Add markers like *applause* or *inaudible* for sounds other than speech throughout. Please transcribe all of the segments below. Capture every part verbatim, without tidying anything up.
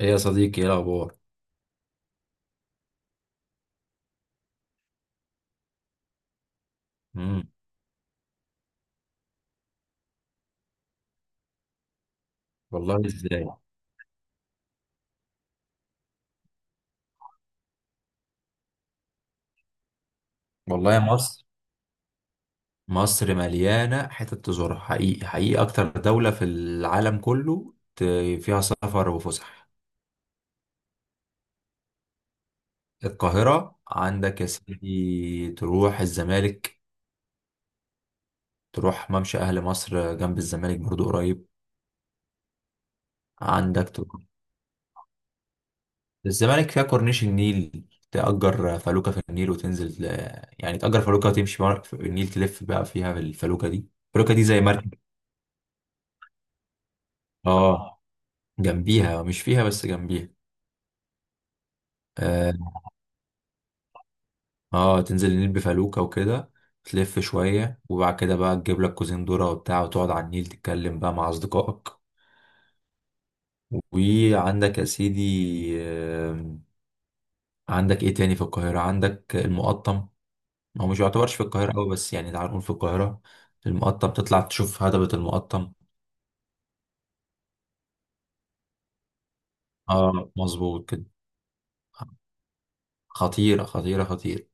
ايه يا صديقي، ايه الاخبار؟ امم. والله ازاي؟ والله يا مصر، مصر مليانه حتت تزورها، حقيقي حقيقي اكتر دوله في العالم كله ت- فيها سفر وفسح. القاهره عندك يا سيدي، تروح الزمالك، تروح ممشى اهل مصر جنب الزمالك برضو قريب. عندك تروح. الزمالك فيها كورنيش النيل، تأجر فلوكة في النيل وتنزل ل- يعني تأجر فلوكة وتمشي مر- في النيل، تلف بقى فيها بالفلوكة دي. الفلوكة دي زي مركب. اه، جنبيها، مش فيها بس جنبيها. اه، آه، تنزل النيل بفلوكة وكده، تلف شوية وبعد كده بقى تجيب لك كوزين ذرة وبتاع، وتقعد على النيل تتكلم بقى مع أصدقائك. وعندك يا سيدي، آم، عندك ايه تاني في القاهرة؟ عندك المقطم، هو مش يعتبرش في القاهرة أوي بس يعني تعال نقول في القاهرة، المقطم تطلع تشوف هضبة المقطم. اه، مظبوط كده. خطيرة خطيرة خطيرة.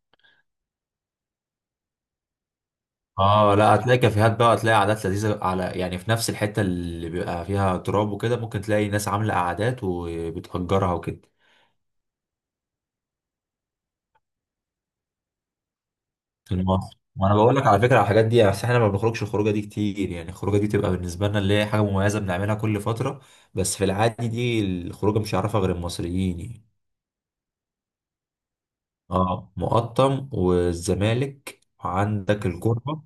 اه، لا، هتلاقي كافيهات بقى، هتلاقي قعدات لذيذه على، يعني في نفس الحته اللي بيبقى فيها تراب وكده، ممكن تلاقي ناس عامله قعدات وبتأجرها وكده. في المصر، وانا بقول لك على فكره على الحاجات دي، بس احنا ما بنخرجش الخروجه دي كتير، يعني الخروجه دي تبقى بالنسبه لنا اللي هي حاجه مميزه بنعملها كل فتره، بس في العادي دي الخروجه مش هيعرفها غير المصريين يعني. اه، مقطم والزمالك وعندك الكوربه.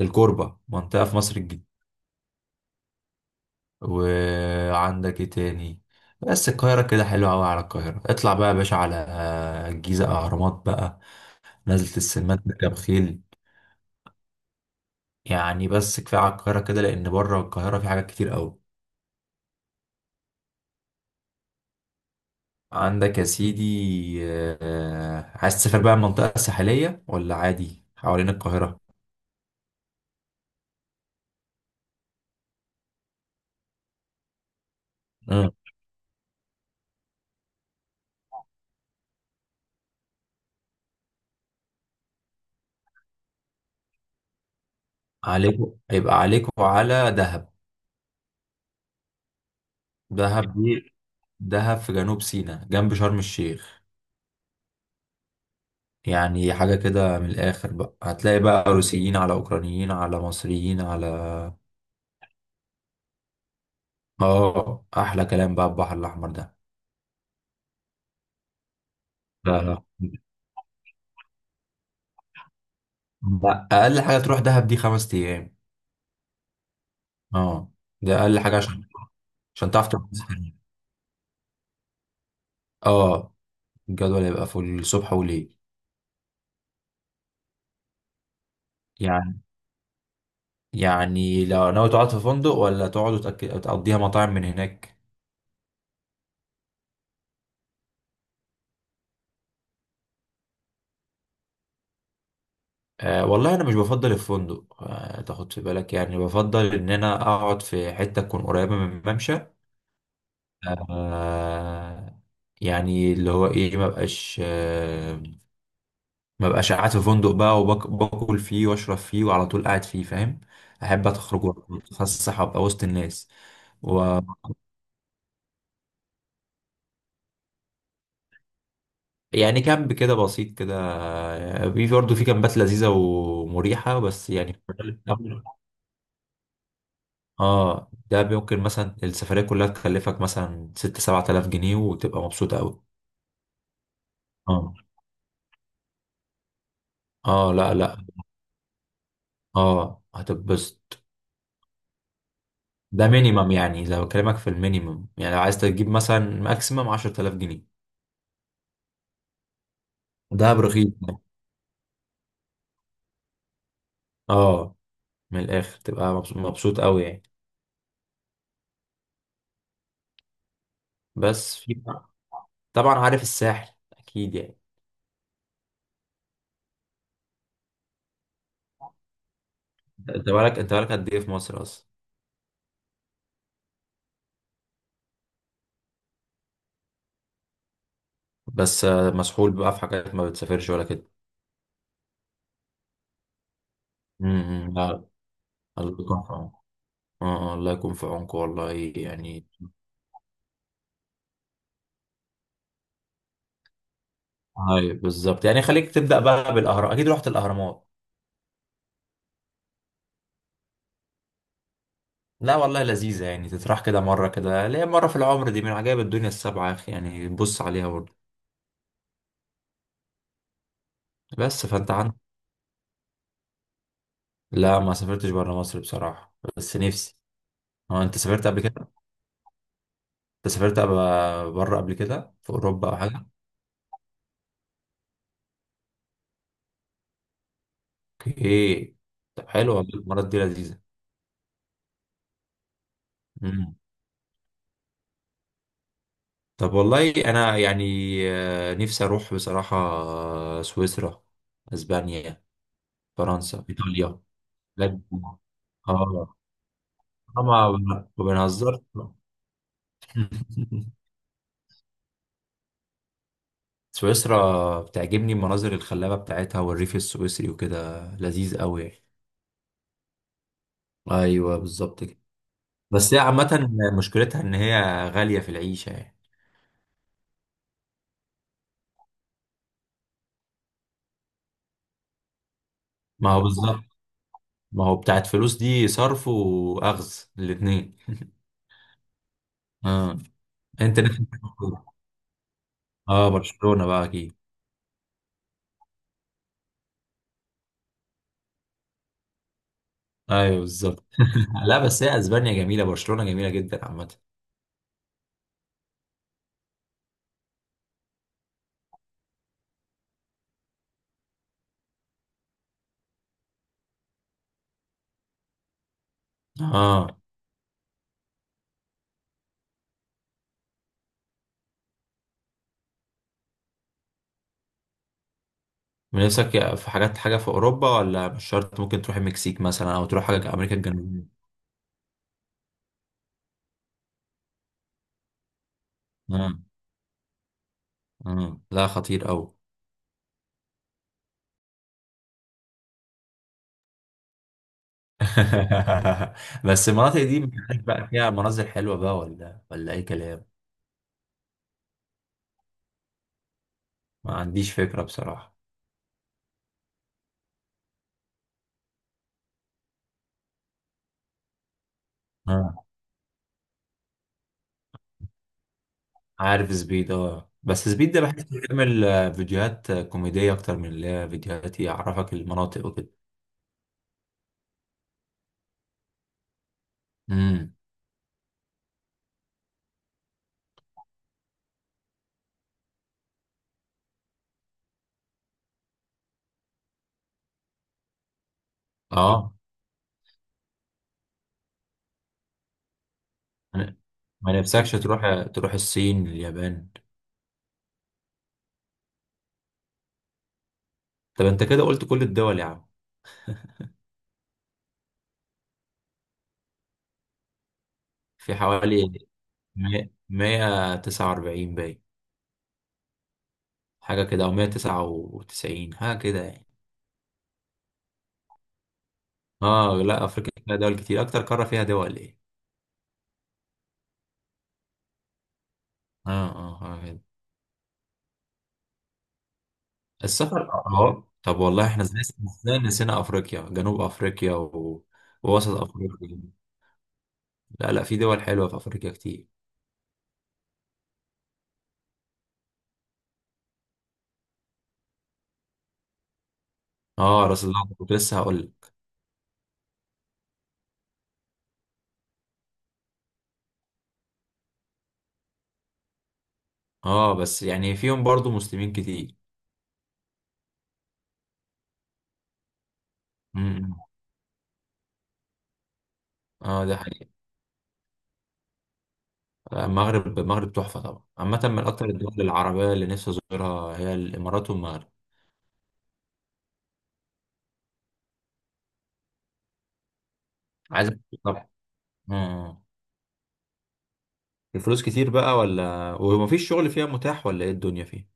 الكوربه منطقه في مصر. وعندك ايه تاني؟ بس القاهرة كده حلوة أوي. على القاهرة اطلع بقى يا باشا على الجيزة، أهرامات بقى، نزلة السمان، بركب خيل. يعني بس كفاية على القاهرة كده لأن بره القاهرة في حاجات كتير أوي. عندك يا سيدي، آه، عايز تسافر بقى المنطقة الساحلية ولا عادي حوالين القاهرة؟ مم. عليكوا يبقى عليكوا على دهب. دهب دي، دهب في جنوب سيناء جنب شرم الشيخ. يعني حاجة كده من الآخر بقى، هتلاقي بقى روسيين على أوكرانيين على مصريين على. آه، أحلى كلام بقى البحر الأحمر ده. لا، لا، لا، أقل حاجة تروح دهب دي خمس أيام. اه، ده أقل حاجة عشان عشان تعرف تتبسط. اه، الجدول يبقى في الصبح وليل. يعني يعني لو ناوي تقعد في فندق ولا تقعد وتأك- تقضيها مطاعم من هناك. آه، والله انا مش بفضل الفندق، آه تاخد في بالك، يعني بفضل ان انا اقعد في حته تكون قريبه من الممشى. آه، يعني اللي هو ايه، ما بقاش آه ما بقاش قاعد في فندق بقى وباكل فيه واشرب فيه وعلى طول قاعد فيه، فاهم؟ احب اخرج واتفسح وابقى وسط الناس. و يعني كامب كده بسيط كده، آه، في برضه في كامبات لذيذة ومريحة بس يعني. اه، ده ممكن مثلا السفرية كلها تكلفك مثلا ست سبعة آلاف جنيه وتبقى مبسوط أوي. اه. اه، لا لا. اه، هتتبسط. ده مينيمم، يعني لو بكلمك في المينيمم، يعني لو عايز تجيب مثلا ماكسيمم عشر آلاف جنيه. دهب رخيص ده. اه، من الاخر تبقى مبسوط مبسوط قوي يعني. بس في طبعا عارف الساحل اكيد يعني. انت بالك انت بالك قد ايه في مصر اصلا؟ بس آه، مسحول بقى في حاجات، ما بتسافرش ولا كده. امم، لا. الله يكون في عونكم. اه، آه، الله يكون في عونكم والله يعني. ايوه بالظبط، يعني خليك تبدا بقى بالاهرام، اكيد رحت الاهرامات. لا والله لذيذة يعني، تتراح كده مرة كده، ليه؟ مرة في العمر دي، من عجائب الدنيا السبعة يا أخي، يعني بص عليها برضه. بس فأنت عندك. لا، ما سافرتش برا مصر بصراحة، بس نفسي. هو أنت سافرت قبل كده؟ أنت سافرت أب- برا قبل كده، في أوروبا أو حاجة؟ أوكي. طب حلو والله المرات دي لذيذة. مم. طب والله أنا يعني، آه، نفسي أروح بصراحة، آه، سويسرا، أسبانيا، فرنسا، إيطاليا. بجد. آه آه، ما ما بنهزرش. *laughs* سويسرا بتعجبني المناظر الخلابة بتاعتها والريف السويسري وكده، لذيذ قوي يعني. ايوه بالظبط كده. بس هي عامة مشكلتها إن هي غالية في العيشة يعني. ما هو بالظبط، ما هو بتاعت فلوس دي صرف وأخذ الاتنين. اه، أنت نفسك تروح فين؟ اه، برشلونة بقى أكيد. أيوه بالظبط. *laughs* لا بس هي أسبانيا جميلة، برشلونة جميلة جدا عامة. اه، من نفسك، في حاجات حاجة في أوروبا، ولا مش شرط، ممكن تروح المكسيك مثلا أو تروح حاجة أمريكا الجنوبية. اه. مم. لا، خطير قوي. *laughs* بس المناطق دي مش عارف بقى فيها مناظر حلوة بقى، ولا ولا أي كلام. ما عنديش فكرة بصراحة. آه. عارف سبيد، اه، بس سبيد ده بحس بيعمل آه، فيديوهات آه، كوميدية أكتر من اللي هي فيديوهات يعرفك المناطق وكده. امم. اه، ما ما نفسكش تروح تروح الصين، اليابان؟ طب أنت كده قلت كل الدول يا عم. في حوالي مائة مائة وتسعة وأربعين باين، حاجة كده أو مائة وتسعة وتسعين حاجة كده يعني. اه، لا، افريقيا فيها دول كتير، اكتر قاره فيها دول ايه. اه. اه، آه، حلو. السفر، اه، طب والله احنا ازاي، ازاي نسينا افريقيا؟ جنوب افريقيا و... ووسط افريقيا. لا لا، في دول حلوه في افريقيا كتير. اه، راس الأخضر كنت لسه هقول لك. اه، بس يعني فيهم برضو مسلمين كتير. امم. اه، ده حقيقي، المغرب. المغرب تحفه طبعا، عامه من اكتر الدول العربيه اللي نفسي ازورها هي الامارات والمغرب. عايز أ- طبعا. اه. آه. الفلوس كتير بقى ولا، ومفيش شغل فيها متاح ولا، ايه الدنيا فيها؟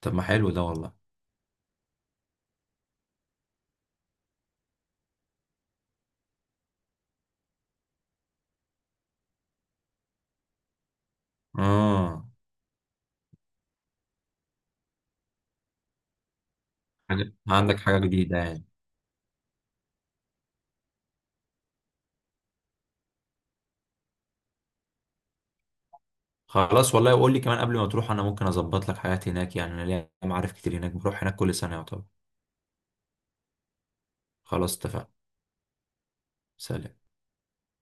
طب ما حلو ده والله. اه، حاجة- عندك حاجة جديدة يعني. خلاص والله، قول لي كمان قبل ما تروح، انا ممكن اظبط لك حاجات هناك، يعني انا ليا معارف كتير هناك، بروح هناك كل سنة يعتبر. خلاص اتفقنا. سلام.